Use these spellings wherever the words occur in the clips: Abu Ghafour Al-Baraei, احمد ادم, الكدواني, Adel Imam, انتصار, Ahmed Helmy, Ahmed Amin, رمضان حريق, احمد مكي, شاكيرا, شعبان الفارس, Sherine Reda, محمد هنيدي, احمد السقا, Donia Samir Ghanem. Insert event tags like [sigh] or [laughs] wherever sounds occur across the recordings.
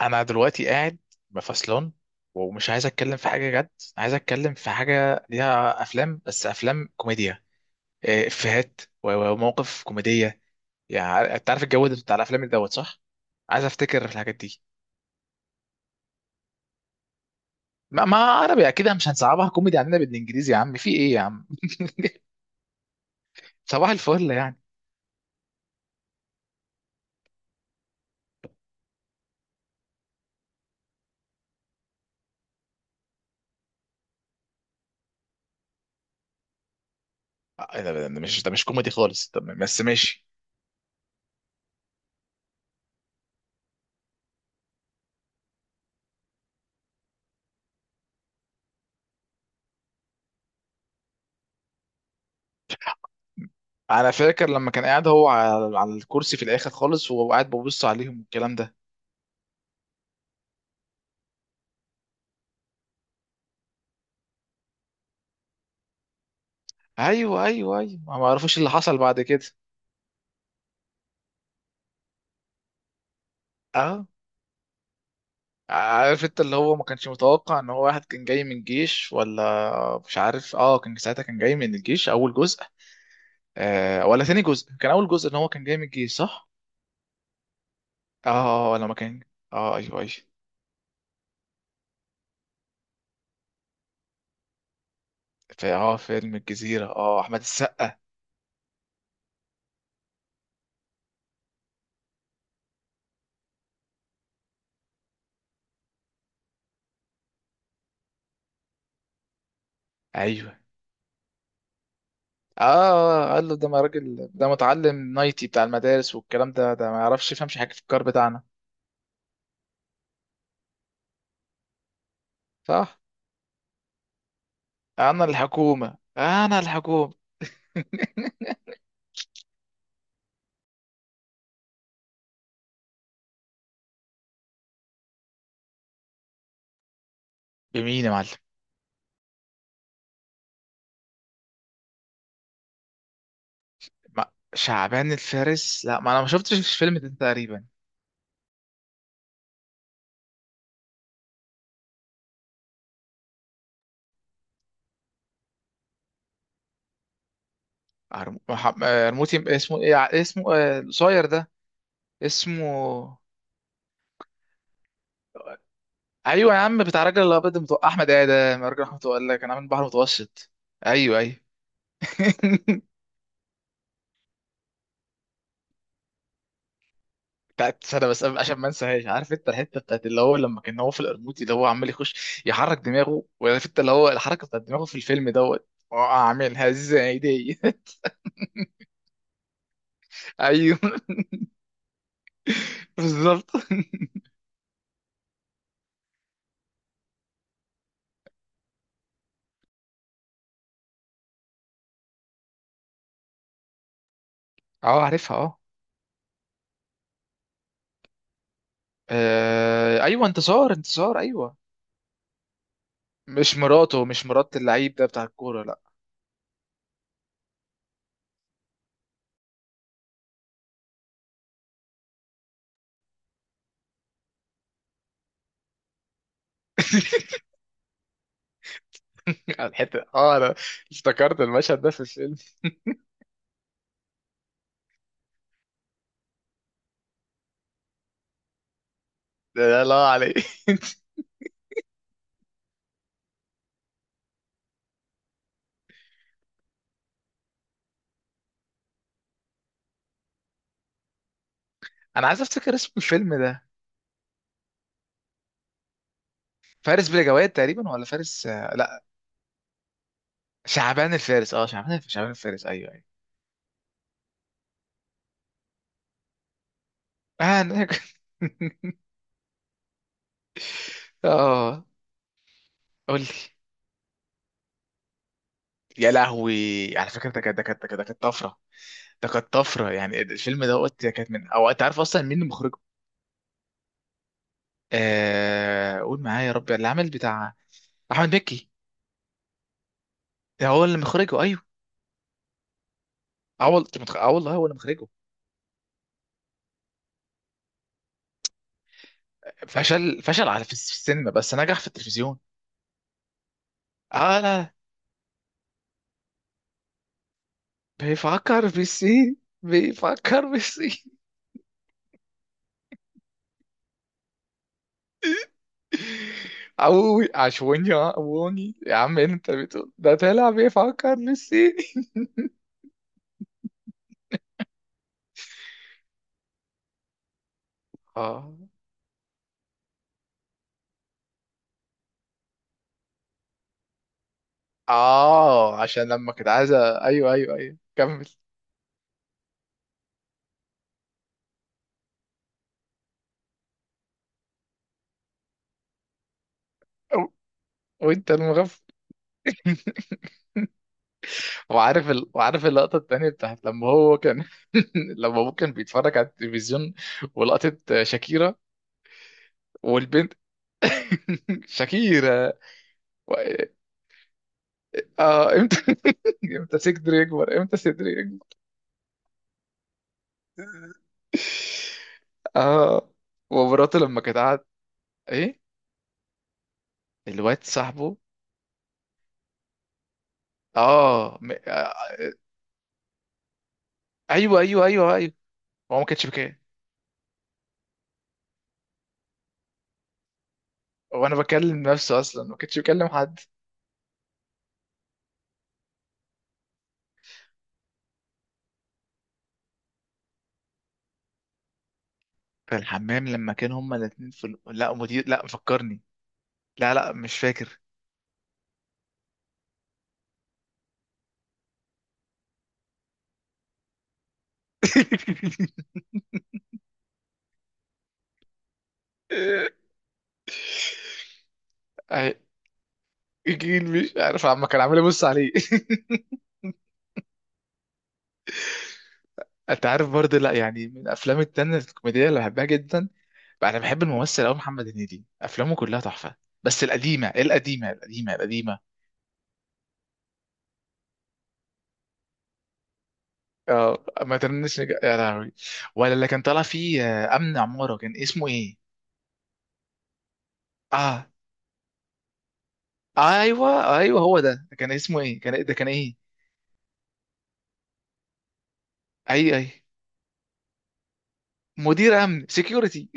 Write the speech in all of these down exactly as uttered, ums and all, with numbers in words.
انا دلوقتي قاعد مفصلان ومش عايز اتكلم في حاجه جد. عايز اتكلم في حاجه ليها افلام، بس افلام كوميديا. إيه، افيهات و- و- ومواقف كوميديه. يعني عار- انت عارف الجو ده بتاع الافلام اللي دوت، صح؟ عايز افتكر في الحاجات دي. ما, ما عربي اكيد مش هنصعبها، كوميدي عندنا بالانجليزي يا عم، في ايه يا عم؟ [laughs] صباح الفل يعني. آه، إيه ده؟ إيه ده- ده مش ده مش كوميدي خالص، طب بس ماشي. انا فاكر لما كان قاعد هو على على الكرسي في الاخر خالص، وهو قاعد ببص عليهم والكلام ده. ايوه، ايوه، ايوه، ما معرفوش اللي حصل بعد كده. اه، عارف انت اللي هو ما كانش متوقع ان هو واحد كان جاي من الجيش؟ ولا مش عارف، اه، كان ساعتها كان جاي من الجيش، اول جزء. آه، ولا ثاني جزء؟ كان اول جزء ان هو كان جاي من الجيش، صح. اه لما كان. اه ايوه، ايوه. في اه فيلم الجزيرة، اه احمد السقا. ايوه. اه، قال له ده ما راجل ده متعلم، نايتي بتاع المدارس والكلام ده، ده ما يعرفش يفهمش حاجة في الكار بتاعنا. صح. انا الحكومة، انا الحكومة. بمين يا معلم؟ ما شعبان الفارس، لا ما انا ما شفتش الفيلم ده تقريبا. عرم- مح- آه، رموتي اسمه ايه؟ ع- اسمه، آه، القصير ده اسمه. ايوه يا عم، بتاع الراجل الابيض المتو... احمد ادم، الراجل احمد قال لك انا عامل بحر متوسط. ايوه، ايوه. [laughs] بتاعت سنه بس قبل- عشان ما انساهاش، عارف انت الحته بتاعت اللي هو لما كان هو في القرموطي، اللي هو عمال يخش يحرك دماغه، وعارف انت اللي هو الحركه بتاعت دماغه في الفيلم دوت، اه اعملها ازاي دي. [laughs] ايوه. [laughs] بالظبط. اه عارفها اه. آه، ايوه، انتصار انتصار ايوه. مش مراته؟ مش مرات اللعيب ده بتاع الكوره؟ لا. [laughs] الحته، اه انا افتكرت المشهد ده في الفيلم. ده، لا لا عليه. [laughs] انا عايز افتكر اسم الفيلم ده. فارس بلا جواد تقريبا، ولا فارس، آه، لا. شعبان الفارس، اه شعبان شعبان الفارس، ايوه، ايوه. اه أنا- [laughs] اه. قول لي. يا لهوي على فكره، ده كانت ده كانت ده كانت طفره. ده كانت طفره يعني الفيلم ده، قلت ده كانت من، او انت عارف اصلا مين اللي مخرجه؟ آه، قول معايا يا ربي اللي عامل بتاع. احمد مكي. ده هو اللي مخرجه، ايوه. اه والله، أنت متخ- اه والله هو اللي مخرجه. فشل، فشل على في الس- في السينما، بس نجح في التلفزيون. اه لا. بيفكر بالسين. بيفكر بالسين. اوي عشوني، [laughs] عشوني، عووني يا عم، إيه اللي انت بتقول ده، طلع بيفكر بالسين. [laughs] اه، اه عشان لما كنت عايزه. ايوه، ايوه، ايوه، كمل. أو- وانت المغفل. وعارف ال... وعارف اللقطة التانية بتاعت لما هو كان، [laughs] لما هو كان بيتفرج على التلفزيون ولقطة شاكيرا والبنت. [laughs] شاكيرا. و... آه، امتى، [laughs] امتى صدري يكبر، امتى صدري يكبر. [laughs] اه، ومراته لما كانت قاعد، ايه. الواد صاحبه. اه م... آه، ايوه، ايوه ايوه ايوه. هو ما كانش بكام، هو انا بكلم نفسه اصلا، ما كانش بكلم حد. في الحمام لما كان هما الاتنين في ال- لا مدير، لا، مفكرني، لا لا، مش فاكر. أهي، جيل مش عارف، عم كان عامل يبص عليه. [laughs] انت عارف برضه، لا يعني، من الافلام التانية الكوميديه اللي بحبها جدا بقى، انا بحب الممثل قوي محمد هنيدي، افلامه كلها تحفه. بس القديمه، إيه القديمه القديمه القديمه. اه ما ترنش نج- يا لهوي. ولا اللي كان طالع فيه، آه، امن عماره كان اسمه ايه؟ اه، ايوه، ايوه، هو ده كان اسمه ايه؟ كان إيه؟ ده كان ايه؟ اي، اي. مدير امن سكيورتي.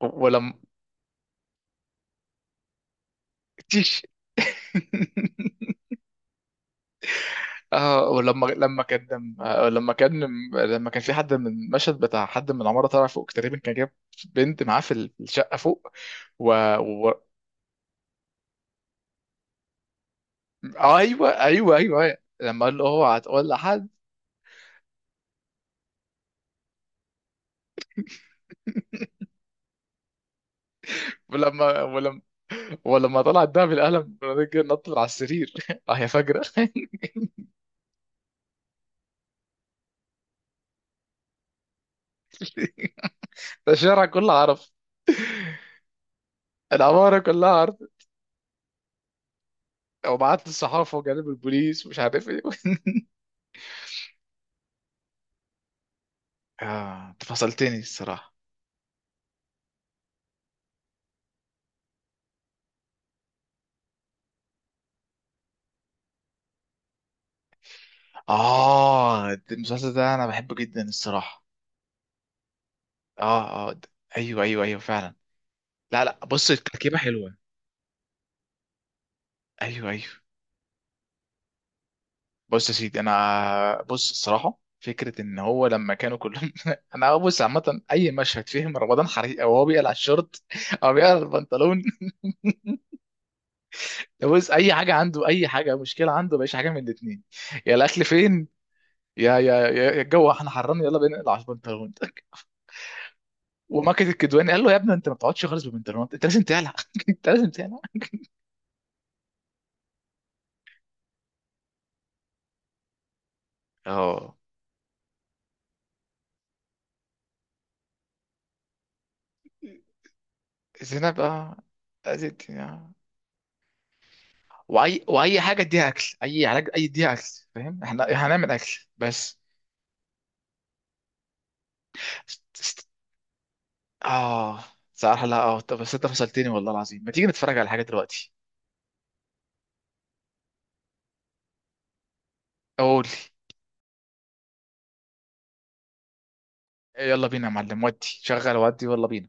[laughs] ولما، تيش. [laughs] اه ولما، لما كان، آه، لما كان. لما كان في حد من المشهد بتاع حد من العماره طالع فوق تقريبا، كان جاب بنت معاه في ال- في الشقه فوق. و... و... آه، ايوه، ايوه ايوه أيوة. لما قال له اوعى تقول لحد. ولما ولما ولما طلعت ده بالقلم، الراجل نط من على السرير، [laughs] اه يا فجره. [laughs] ده الشارع كله عرف. العماره كلها عرف، وبعت للصحافه وجانب البوليس ومش عارف ايه. [laughs] اه انت فصلتني الصراحه. اه المسلسل ده انا بحبه جدا الصراحه. اه، اه، د- ايوه، ايوه ايوه فعلا. لا لا، بص التركيبه حلوه. ايوه، ايوه. بص يا سيدي، انا بص الصراحه فكره ان هو لما كانوا كلهم، [laughs] انا بص عامه، اي مشهد فيه رمضان حريق، او هو بيقلع الشورت [laughs] او بيقلع البنطلون. [laughs] بص اي حاجه عنده، اي حاجه، مشكله عنده مفيش حاجه من الاثنين. يا الاكل فين، يا يا يا يا الجو احنا حران، يلا بينا نقلع البنطلون. [laughs] وماكد الكدواني قال له يا ابني انت ما بتقعدش خالص بالبنطلون، انت لازم تقلع، [laughs] انت لازم تقلع. اه. زينب بقى، أذيت. واي واي حاجه، اديها اكل، اي علاج، اي اديها اكل. فاهم احنا، إحنا هنعمل اكل بس. اه صراحه، لا اه، طب بس انت فصلتني والله العظيم، ما تيجي نتفرج على حاجه دلوقتي؟ قول. يلا بينا يا معلم، ودي شغل، ودي يلا بينا.